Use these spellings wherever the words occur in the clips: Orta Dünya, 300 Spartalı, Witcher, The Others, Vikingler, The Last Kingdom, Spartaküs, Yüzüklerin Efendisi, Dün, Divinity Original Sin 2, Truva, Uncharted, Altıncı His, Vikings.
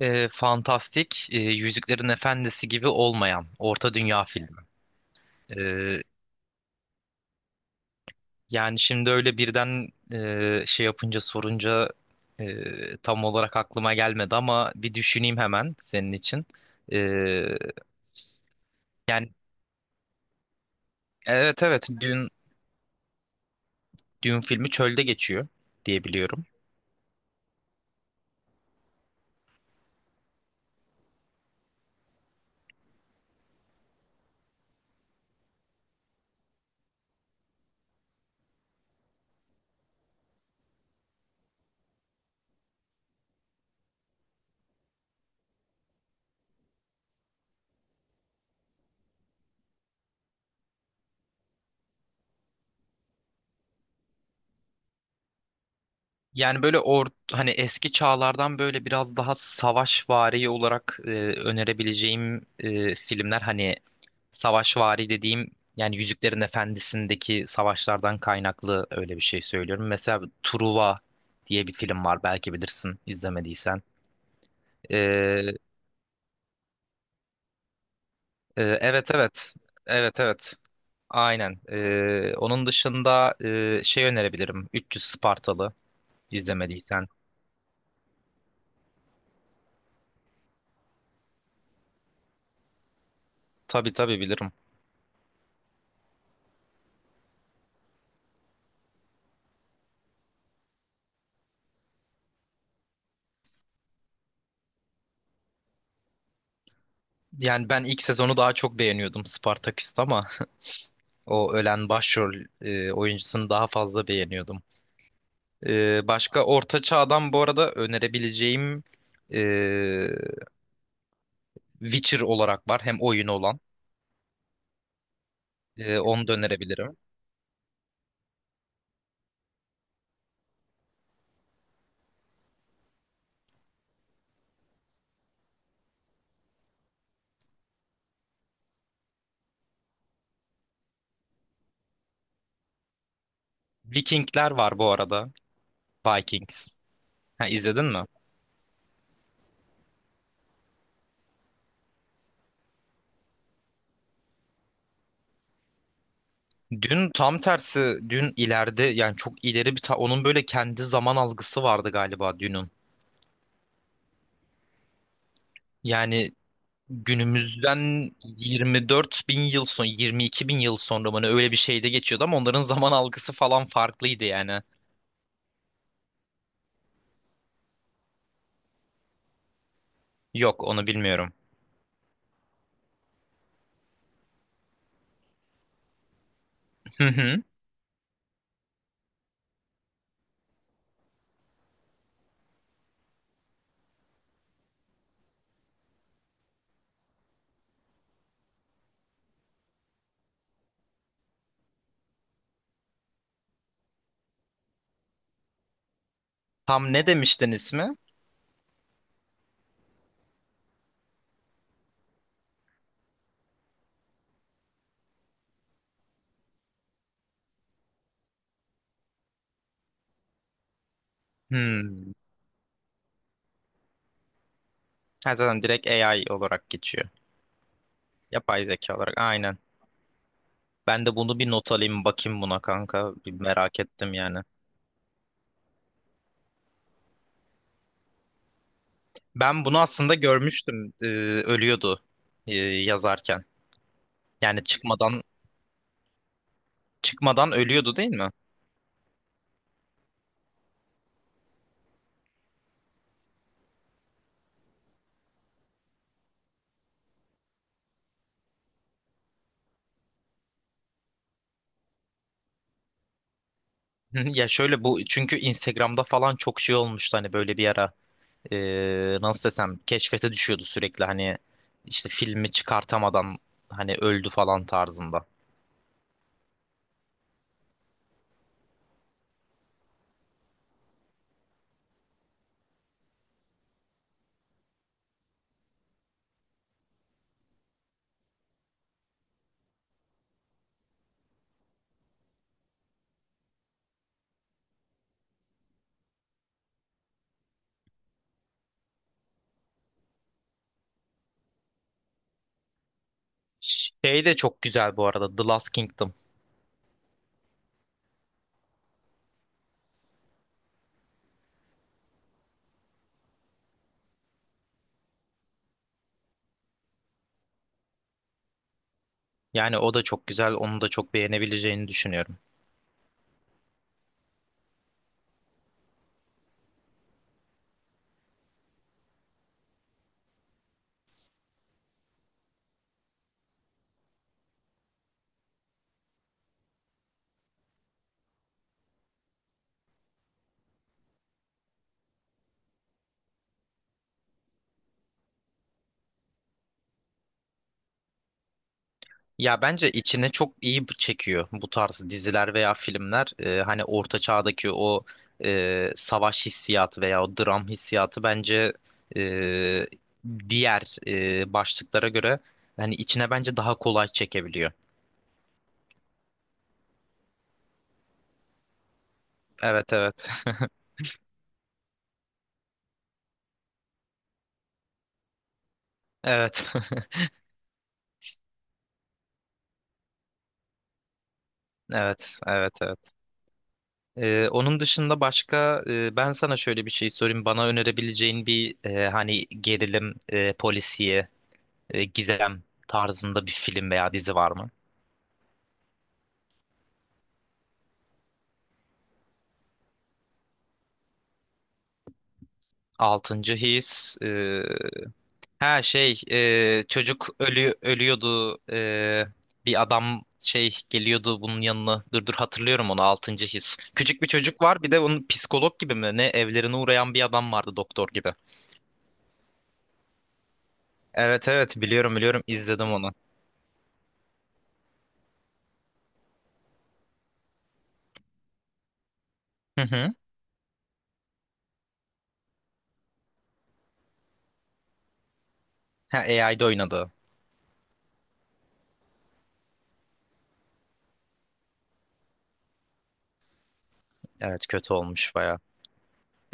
Fantastik, Yüzüklerin Efendisi gibi olmayan Orta Dünya filmi. E, Yani şimdi öyle birden şey yapınca sorunca tam olarak aklıma gelmedi ama bir düşüneyim hemen senin için. E, yani evet evet Dün Dün filmi çölde geçiyor diye biliyorum. Yani böyle or hani eski çağlardan böyle biraz daha savaşvari olarak önerebileceğim filmler, hani savaşvari dediğim, yani Yüzüklerin Efendisi'ndeki savaşlardan kaynaklı öyle bir şey söylüyorum. Mesela Truva diye bir film var, belki bilirsin, izlemediysen. E, evet evet evet evet, aynen. Onun dışında şey önerebilirim, 300 Spartalı, izlemediysen. Tabii tabii bilirim. Yani ben ilk sezonu daha çok beğeniyordum Spartaküs'te ama o ölen başrol oyuncusunu daha fazla beğeniyordum. Başka Orta Çağ'dan bu arada önerebileceğim e, Witcher olarak var. Hem oyunu olan. Onu da önerebilirim. Vikingler var bu arada. Vikings. Ha, izledin mi? Dün tam tersi, dün ileride, yani çok ileri bir onun böyle kendi zaman algısı vardı galiba Dün'ün. Yani günümüzden 24 bin yıl 22 bin yıl sonra mı ne, öyle bir şeyde geçiyordu ama onların zaman algısı falan farklıydı yani. Yok, onu bilmiyorum. Hı hı. Tam ne demiştin ismi? Hmm. Ha, zaten direkt AI olarak geçiyor. Yapay zeka olarak, aynen. Ben de bunu bir not alayım, bakayım buna kanka. Bir merak ettim yani. Ben bunu aslında görmüştüm. Ölüyordu yazarken. Yani çıkmadan ölüyordu değil mi? Hı hı. Ya şöyle, bu çünkü Instagram'da falan çok şey olmuştu hani, böyle bir ara nasıl desem, keşfete düşüyordu sürekli, hani işte filmi çıkartamadan hani öldü falan tarzında. Şey de çok güzel bu arada, The Last Kingdom. Yani o da çok güzel, onu da çok beğenebileceğini düşünüyorum. Ya bence içine çok iyi çekiyor bu tarz diziler veya filmler. Hani orta çağdaki o savaş hissiyatı veya o dram hissiyatı bence e, diğer başlıklara göre hani içine bence daha kolay çekebiliyor. Evet evet. Evet. Evet, evet, evet. Onun dışında başka, ben sana şöyle bir şey sorayım. Bana önerebileceğin bir, hani gerilim, polisiye, gizem tarzında bir film veya dizi var mı? Altıncı his. Ha şey, çocuk ölüyordu, bir adam şey, geliyordu bunun yanına. Dur, hatırlıyorum onu, altıncı his. Küçük bir çocuk var, bir de onun psikolog gibi mi ne, evlerine uğrayan bir adam vardı, doktor gibi. Evet evet, biliyorum biliyorum, izledim onu. Hı hı. Ha, AI'de oynadı. Evet, kötü olmuş baya.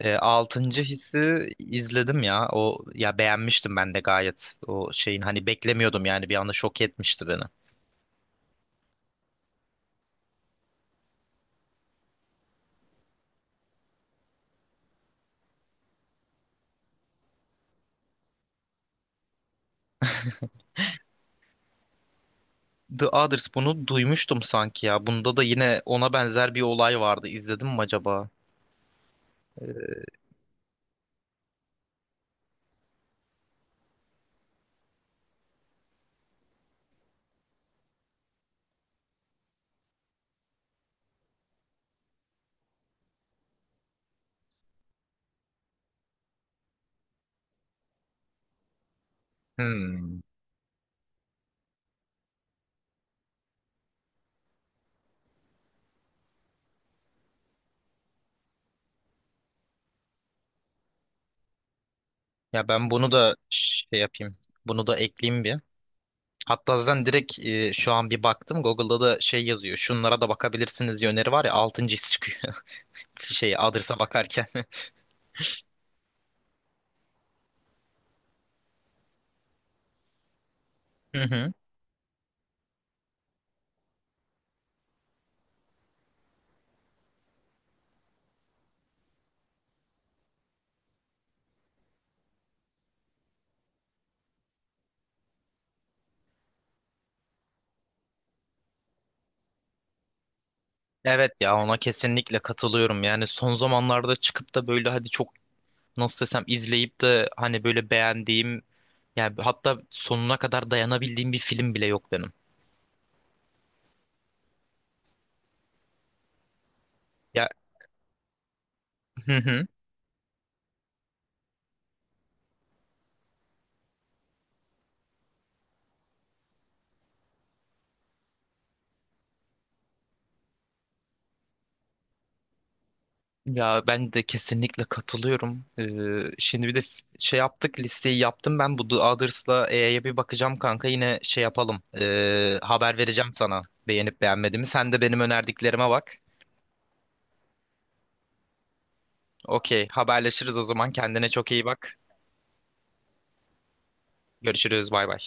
Altıncı hissi izledim ya. O, ya beğenmiştim ben de gayet. O şeyin, hani beklemiyordum, yani bir anda şok etmişti beni. The Others, bunu duymuştum sanki ya. Bunda da yine ona benzer bir olay vardı. İzledim mi acaba? Ee, Hmm. Ya ben bunu da şey yapayım. Bunu da ekleyeyim bir. Hatta zaten direkt, şu an bir baktım, Google'da da şey yazıyor, şunlara da bakabilirsiniz diye öneri var ya, altıncı his çıkıyor. Şey, Others'a bakarken. Hı hı. Evet ya, ona kesinlikle katılıyorum. Yani son zamanlarda çıkıp da böyle hadi çok, nasıl desem, izleyip de hani böyle beğendiğim, yani hatta sonuna kadar dayanabildiğim bir film bile yok benim. Ya, hı hı. Ya ben de kesinlikle katılıyorum. Şimdi bir de şey yaptık, listeyi yaptım ben, bu The Others'la E'ye bir bakacağım kanka, yine şey yapalım. Haber vereceğim sana beğenip beğenmediğimi. Sen de benim önerdiklerime bak. Okey, haberleşiriz o zaman, kendine çok iyi bak. Görüşürüz, bay bay.